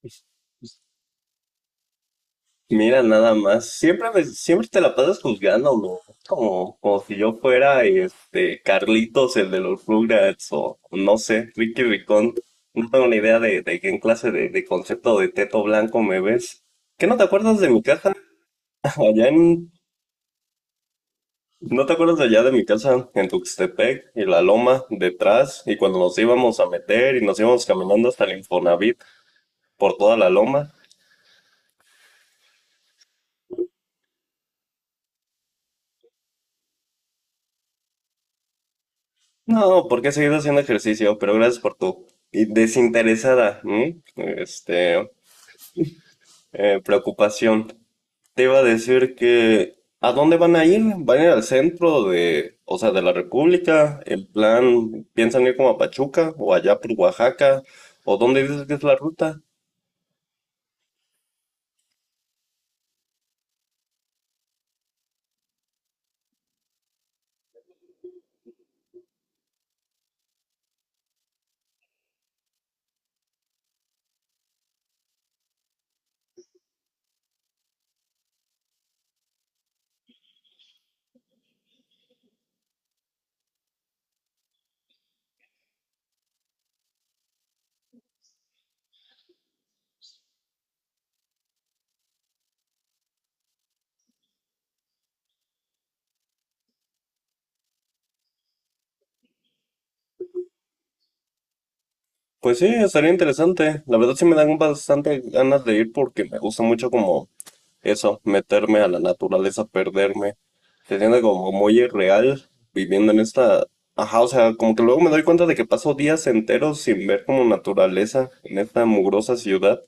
Pues, pues, Mira, nada más. Siempre te la pasas juzgándolo. Como si yo fuera este Carlitos, el de los Rugrats, o no sé, Ricky Ricón. No tengo ni idea de qué clase de concepto de teto blanco me ves. ¿Qué no te acuerdas de mi casa? Allá en, ¿no te acuerdas de allá de mi casa? En Tuxtepec y la loma detrás, y cuando nos íbamos a meter y nos íbamos caminando hasta el Infonavit por toda la loma. No, porque he seguido haciendo ejercicio, pero gracias por tu y desinteresada, ¿m? Preocupación. Te iba a decir que, ¿a dónde van a ir? ¿Van a ir al centro de, o sea, de la República? ¿En plan, piensan ir como a Pachuca o allá por Oaxaca? ¿O dónde dices que es la ruta? Pues sí, estaría interesante. La verdad sí me dan bastante ganas de ir porque me gusta mucho como eso, meterme a la naturaleza, perderme. Se siente como muy irreal viviendo en esta... Ajá, o sea, como que luego me doy cuenta de que paso días enteros sin ver como naturaleza en esta mugrosa ciudad,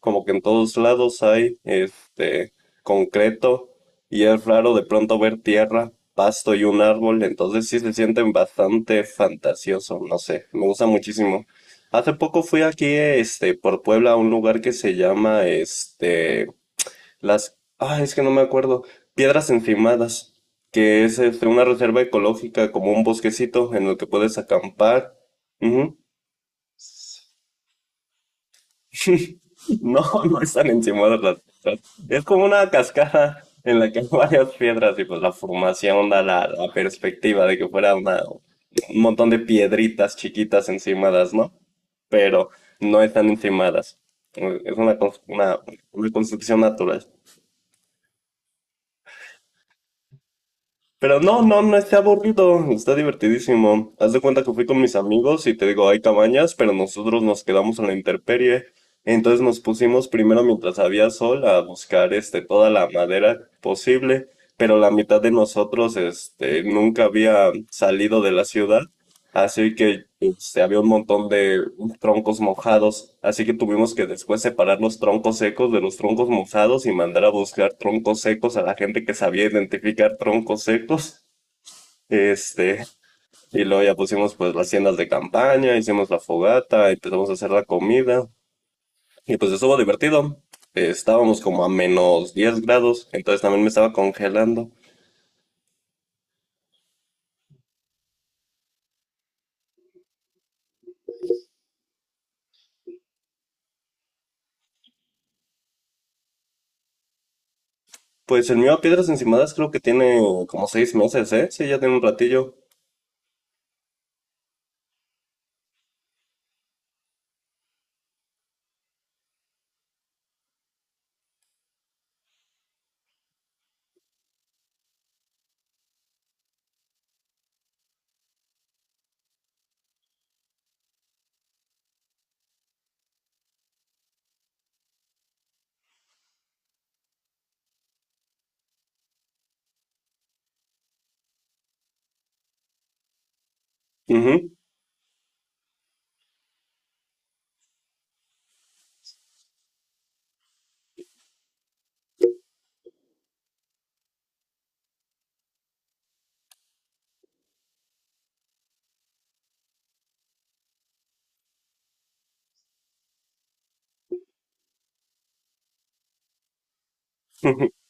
como que en todos lados hay concreto y es raro de pronto ver tierra, pasto y un árbol, entonces sí se sienten bastante fantasioso, no sé, me gusta muchísimo. Hace poco fui aquí, por Puebla a un lugar que se llama, las, es que no me acuerdo. Piedras Encimadas, que es una reserva ecológica, como un bosquecito en el que puedes acampar. Ujú. No, no están encimadas las piedras. Es como una cascada en la que hay varias piedras y pues la formación da la perspectiva de que fuera un montón de piedritas chiquitas encimadas, ¿no? Pero no están encimadas. Es una, una construcción natural. Pero no está aburrido, está divertidísimo. Haz de cuenta que fui con mis amigos y te digo, hay cabañas, pero nosotros nos quedamos en la intemperie. Entonces nos pusimos primero mientras había sol a buscar toda la madera posible, pero la mitad de nosotros nunca había salido de la ciudad. Así que había un montón de troncos mojados, así que tuvimos que después separar los troncos secos de los troncos mojados y mandar a buscar troncos secos a la gente que sabía identificar troncos secos. Este, y luego ya pusimos pues las tiendas de campaña, hicimos la fogata, empezamos a hacer la comida y pues estuvo divertido. Estábamos como a -10 grados, entonces también me estaba congelando. Pues el mío a Piedras Encimadas creo que tiene como 6 meses, ¿eh? Sí, ya tiene un ratillo. Ujú.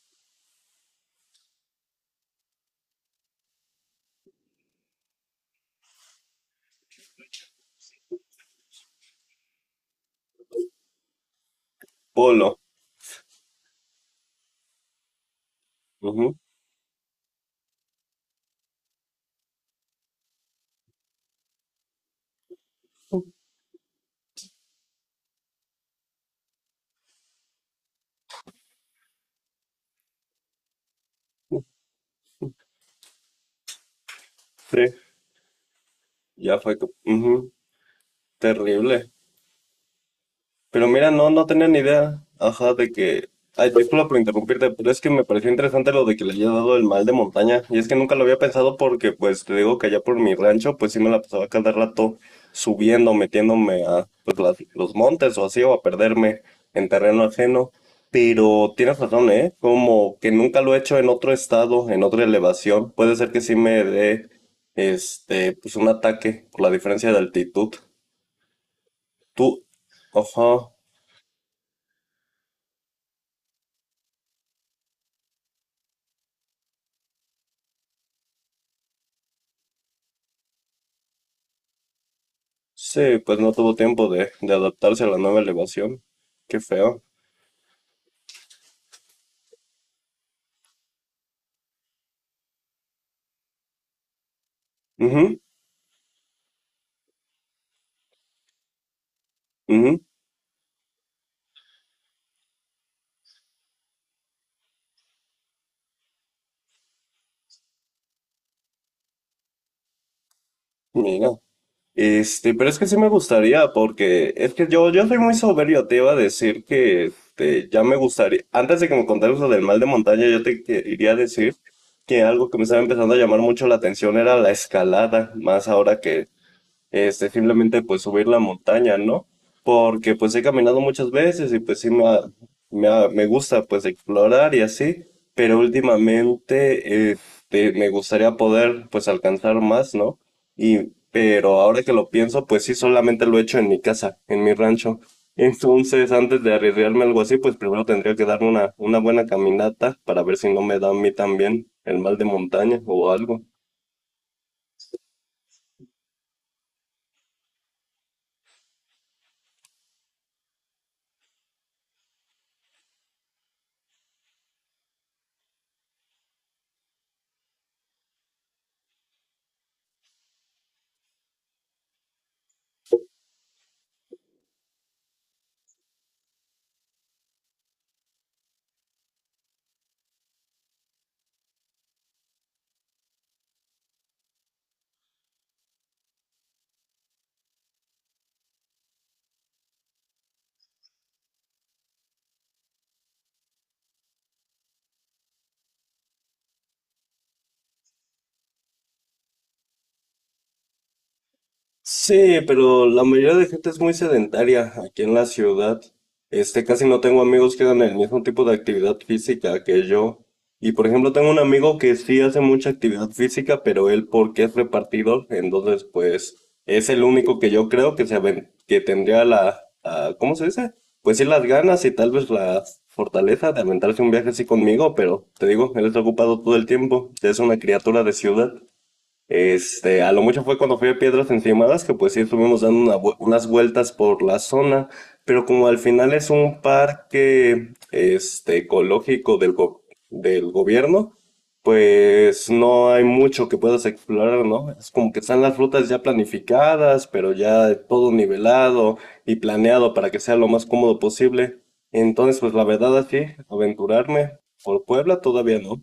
Polo. Ujú. Sí, ya fue. Ujú, terrible. Pero mira, no tenía ni idea. Ajá, de que. Ay, disculpa por interrumpirte, pero es que me pareció interesante lo de que le haya dado el mal de montaña. Y es que nunca lo había pensado porque, pues, te digo que allá por mi rancho, pues sí me la pasaba cada rato subiendo, metiéndome a pues, los montes o así, o a perderme en terreno ajeno. Pero tienes razón, ¿eh? Como que nunca lo he hecho en otro estado, en otra elevación. Puede ser que sí me dé, pues un ataque por la diferencia de altitud. Tú, ajá. Sí, pues no tuvo tiempo de adaptarse a la nueva elevación. Qué feo. Ujú, ujú, mira. Pero es que sí me gustaría, porque es que yo soy muy soberbio, te iba a decir que ya me gustaría. Antes de que me contaras lo del mal de montaña, yo iría a decir que algo que me estaba empezando a llamar mucho la atención era la escalada, más ahora que simplemente pues subir la montaña, ¿no? Porque pues he caminado muchas veces y pues sí me gusta pues explorar y así, pero últimamente me gustaría poder pues alcanzar más, ¿no? Y, pero ahora que lo pienso, pues sí solamente lo he hecho en mi casa, en mi rancho. Entonces, antes de arriesgarme a algo así, pues primero tendría que darme una buena caminata para ver si no me da a mí también el mal de montaña o algo. Sí, pero la mayoría de gente es muy sedentaria aquí en la ciudad. Casi no tengo amigos que hagan el mismo tipo de actividad física que yo. Y por ejemplo, tengo un amigo que sí hace mucha actividad física, pero él porque es repartidor, entonces pues es el único que yo creo que que tendría ¿cómo se dice? Pues sí las ganas y tal vez la fortaleza de aventarse un viaje así conmigo, pero te digo, él está ocupado todo el tiempo, es una criatura de ciudad. A lo mucho fue cuando fui a Piedras Encimadas, que pues sí estuvimos dando unas vueltas por la zona, pero como al final es un parque, ecológico del gobierno, pues no hay mucho que puedas explorar, ¿no? Es como que están las rutas ya planificadas, pero ya todo nivelado y planeado para que sea lo más cómodo posible. Entonces, pues la verdad, así, aventurarme por Puebla todavía no.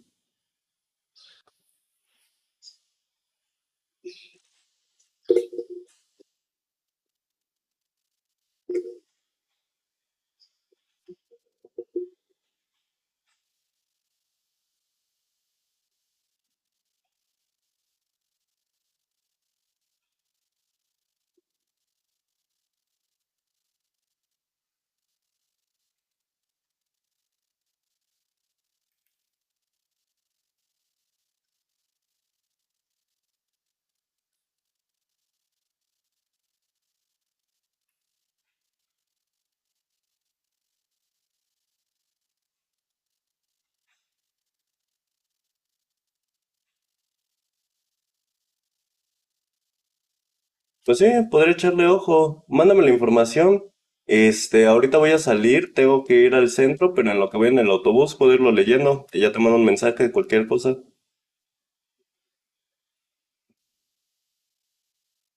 Pues sí, podría echarle ojo. Mándame la información. Ahorita voy a salir, tengo que ir al centro, pero en lo que voy en el autobús puedo irlo leyendo y ya te mando un mensaje de cualquier cosa.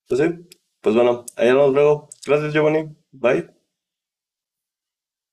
Pues sí, pues bueno, allá nos vemos luego. Gracias, Giovanni. Bye.